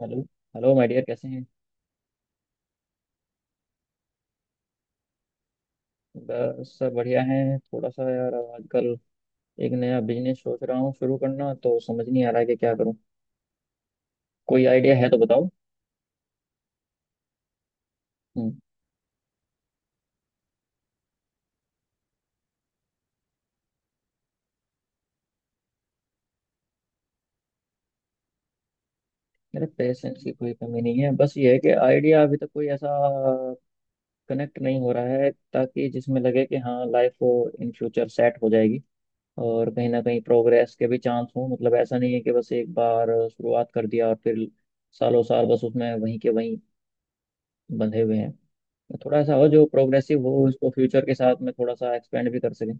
Hello. Hello my dear, कैसे हैं? बस सब बढ़िया है। थोड़ा सा यार आजकल एक नया बिजनेस सोच रहा हूँ शुरू करना, तो समझ नहीं आ रहा है कि क्या करूँ। कोई आइडिया है तो बताओ। हम्म। मेरे पेशेंस की कोई कमी नहीं है, बस ये है कि आइडिया अभी तक कोई ऐसा कनेक्ट नहीं हो रहा है ताकि जिसमें लगे कि हाँ, लाइफ इन फ्यूचर सेट हो जाएगी। और कहीं ना कहीं प्रोग्रेस के भी चांस हो। मतलब ऐसा नहीं है कि बस एक बार शुरुआत कर दिया और फिर सालों साल बस उसमें वहीं के वहीं बंधे हुए हैं। थोड़ा सा हो जो प्रोग्रेसिव हो, उसको फ्यूचर के साथ में थोड़ा सा एक्सपेंड भी कर सकें।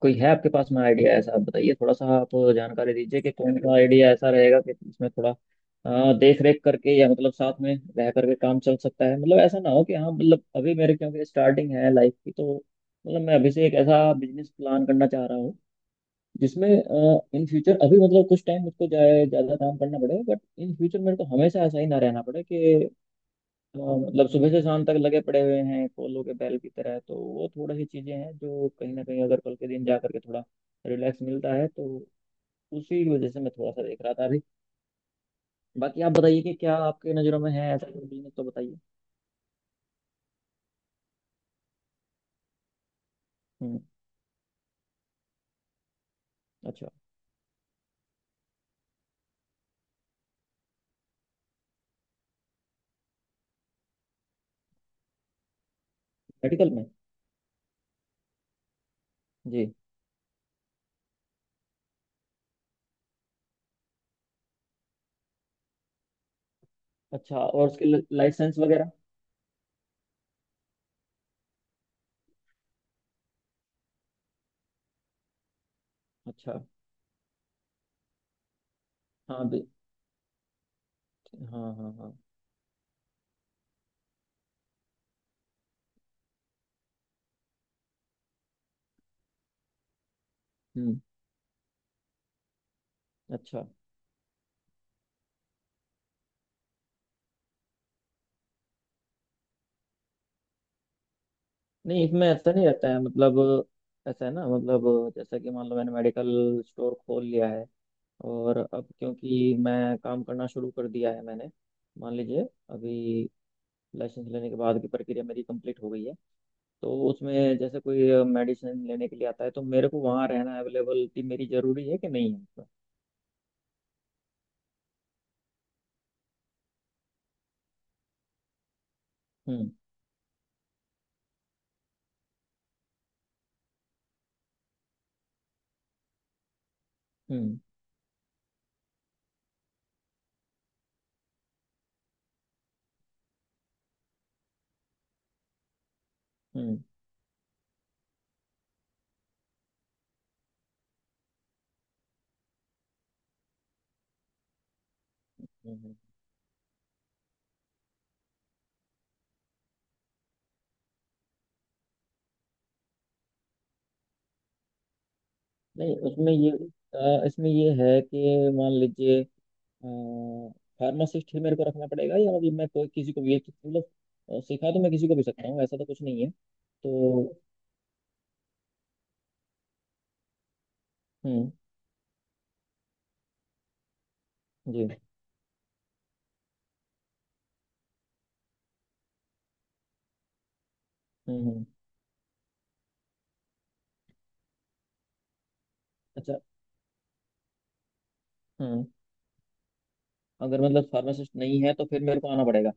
कोई है आपके पास में आइडिया ऐसा? आप बताइए, थोड़ा सा आप जानकारी दीजिए कि कौन सा आइडिया ऐसा रहेगा कि इसमें थोड़ा देख रेख करके या मतलब साथ में रह करके काम चल सकता है। मतलब ऐसा ना हो कि हाँ, मतलब अभी मेरे क्योंकि स्टार्टिंग है लाइफ की, तो मतलब मैं अभी से एक ऐसा बिजनेस प्लान करना चाह रहा हूँ जिसमें इन फ्यूचर अभी मतलब कुछ टाइम मुझको ज्यादा काम करना पड़ेगा, बट इन फ्यूचर मेरे को हमेशा ऐसा ही ना रहना पड़े कि हाँ, मतलब सुबह से शाम तक लगे पड़े हुए हैं कोलों के बैल की तरह। तो वो थोड़ी सी चीजें हैं जो कहीं ना कहीं अगर कल के दिन जा करके थोड़ा रिलैक्स मिलता है तो उसी की वजह से मैं थोड़ा सा देख रहा था अभी। बाकी आप बताइए कि क्या आपके नज़रों में है ऐसा कोई बिजनेस, तो बताइए। हम्म। अच्छा। मेडिकल में? जी। अच्छा, और उसके लाइसेंस वगैरह? अच्छा। हाँ भी। हाँ हाँ हाँ। हम्म। अच्छा। नहीं, इसमें ऐसा नहीं रहता है मतलब। ऐसा है ना, मतलब जैसा कि मान लो मैंने मेडिकल स्टोर खोल लिया है और अब क्योंकि मैं काम करना शुरू कर दिया है मैंने। मान लीजिए अभी लाइसेंस लेने के बाद की प्रक्रिया मेरी कंप्लीट हो गई है, तो उसमें जैसे कोई मेडिसिन लेने के लिए आता है तो मेरे को वहाँ रहना, अवेलेबिलिटी मेरी जरूरी है कि नहीं है उसमें? हम्म। हम्म। हम्म। हम्म। हम्म। नहीं, उसमें ये इसमें ये है कि मान लीजिए फार्मासिस्ट ही मेरे को रखना पड़ेगा, या अभी मैं कोई किसी को भी मतलब सिखा तो मैं किसी को भी सकता हूँ, ऐसा तो कुछ नहीं है तो। हम्म। जी। हम्म हम्म। अच्छा। हम्म। अगर मतलब फार्मासिस्ट नहीं है तो फिर मेरे को आना पड़ेगा?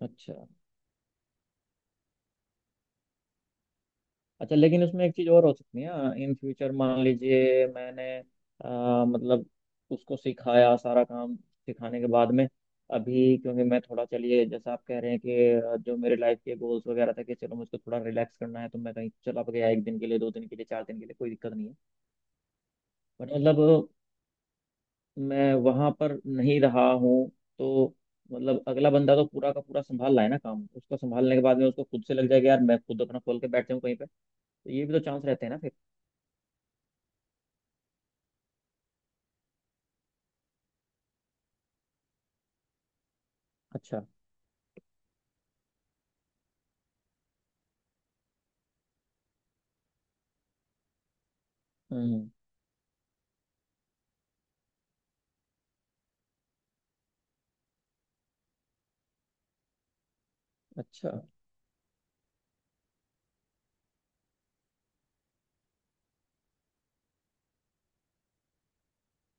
अच्छा। अच्छा, लेकिन उसमें एक चीज़ और हो सकती है। इन फ्यूचर मान लीजिए मैंने मतलब उसको सिखाया, सारा काम सिखाने के बाद में, अभी क्योंकि मैं थोड़ा, चलिए जैसा आप कह रहे हैं कि जो मेरे लाइफ के गोल्स वगैरह थे कि चलो मुझको थोड़ा रिलैक्स करना है, तो मैं कहीं चला भी गया एक दिन के लिए, दो दिन के लिए, चार दिन के लिए कोई दिक्कत नहीं है। बट मतलब मैं वहां पर नहीं रहा हूँ तो मतलब अगला बंदा तो पूरा का पूरा संभाल रहा है ना काम, उसको संभालने के बाद में उसको खुद से लग जाएगा यार मैं खुद अपना खोल के बैठ जाऊँ कहीं पे, तो ये भी तो चांस रहते हैं ना फिर। अच्छा। हम्म। अच्छा।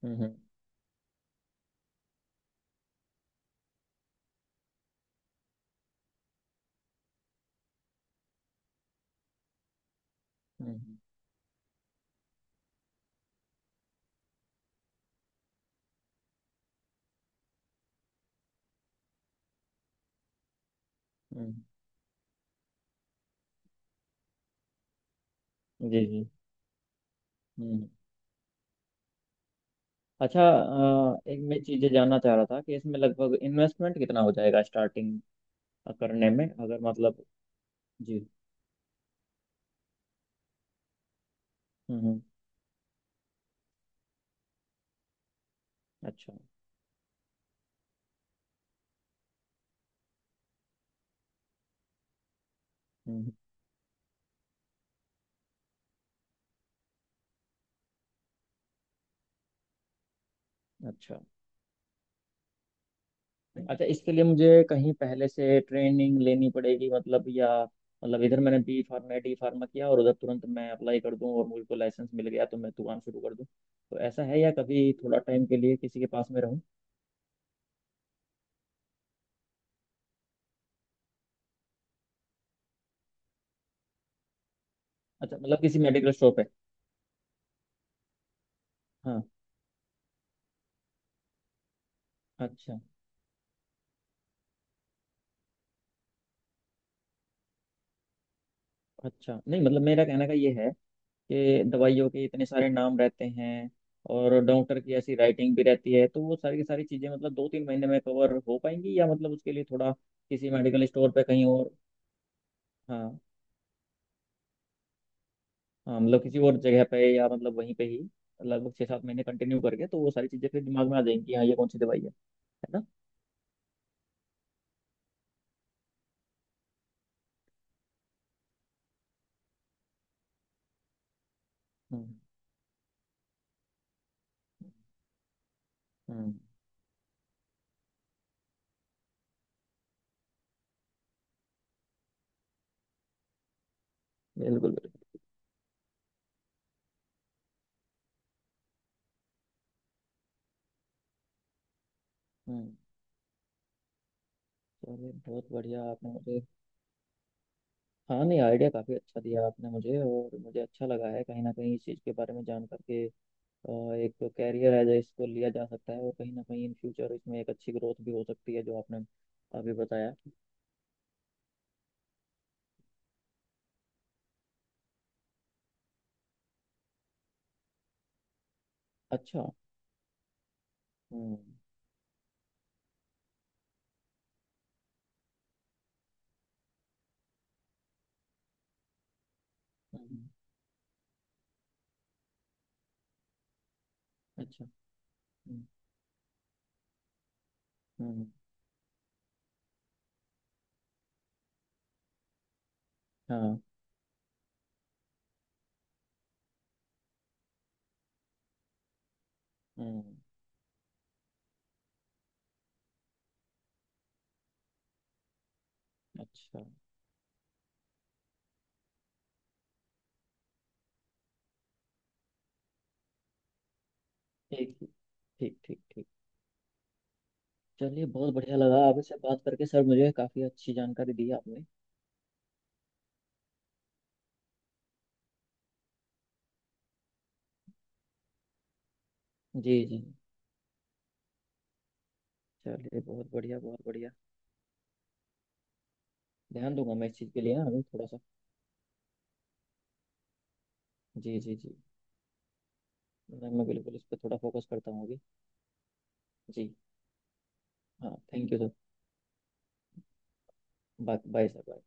हम्म। हम्म। हम्म। जी जी। हम्म हम्म। अच्छा। एक मैं चीजें जानना चाह रहा था कि इसमें लगभग इन्वेस्टमेंट कितना हो जाएगा स्टार्टिंग करने में अगर मतलब? जी। हम्म। अच्छा। हम्म। अच्छा। अच्छा, इसके लिए मुझे कहीं पहले से ट्रेनिंग लेनी पड़ेगी मतलब, या मतलब इधर मैंने बी फार्मा डी फार्मा किया और उधर तुरंत मैं अप्लाई कर दूं और मुझको लाइसेंस मिल गया तो मैं दुकान शुरू कर दूं, तो ऐसा है या कभी थोड़ा टाइम के लिए किसी के पास में रहूं? अच्छा, मतलब किसी मेडिकल शॉप है? हाँ। अच्छा। अच्छा, नहीं मतलब मेरा कहने का ये है कि दवाइयों के इतने सारे नाम रहते हैं और डॉक्टर की ऐसी राइटिंग भी रहती है, तो वो सारी की सारी चीज़ें मतलब दो तीन महीने में कवर हो पाएंगी या मतलब उसके लिए थोड़ा किसी मेडिकल स्टोर पे कहीं और? हाँ। हाँ मतलब किसी और जगह पे या मतलब वहीं पे ही लगभग छः सात महीने कंटिन्यू करके तो वो सारी चीज़ें फिर दिमाग में आ जाएंगी कि हाँ ये कौन सी दवाई है ना? हम्म। हम्म। बिल्कुल बिल्कुल। हम्म। चलिए बहुत बढ़िया आपने मुझे, हाँ नहीं आइडिया काफ़ी अच्छा दिया आपने मुझे और मुझे अच्छा लगा है कहीं ना कहीं इस चीज़ के बारे में जान करके। एक तो कैरियर है जो इसको लिया जा सकता है, और कहीं ना कहीं इन फ्यूचर इसमें एक अच्छी ग्रोथ भी हो सकती है जो आपने अभी बताया। अच्छा। हम्म हम्म। अच्छा। हम्म हम्म। हाँ। हम्म। अच्छा। ठीक ठीक। ठीक। चलिए बहुत बढ़िया लगा आपसे बात करके सर, मुझे काफ़ी अच्छी जानकारी दी आपने। जी जी। चलिए बहुत बढ़िया, बहुत बढ़िया। ध्यान दूंगा मैं इस चीज़ के लिए ना अभी थोड़ा सा। जी जी जी। मैं बिल्कुल इस पर थोड़ा फोकस करता हूँ अभी। जी। हाँ, thank you sir. Bye bye sir, bye.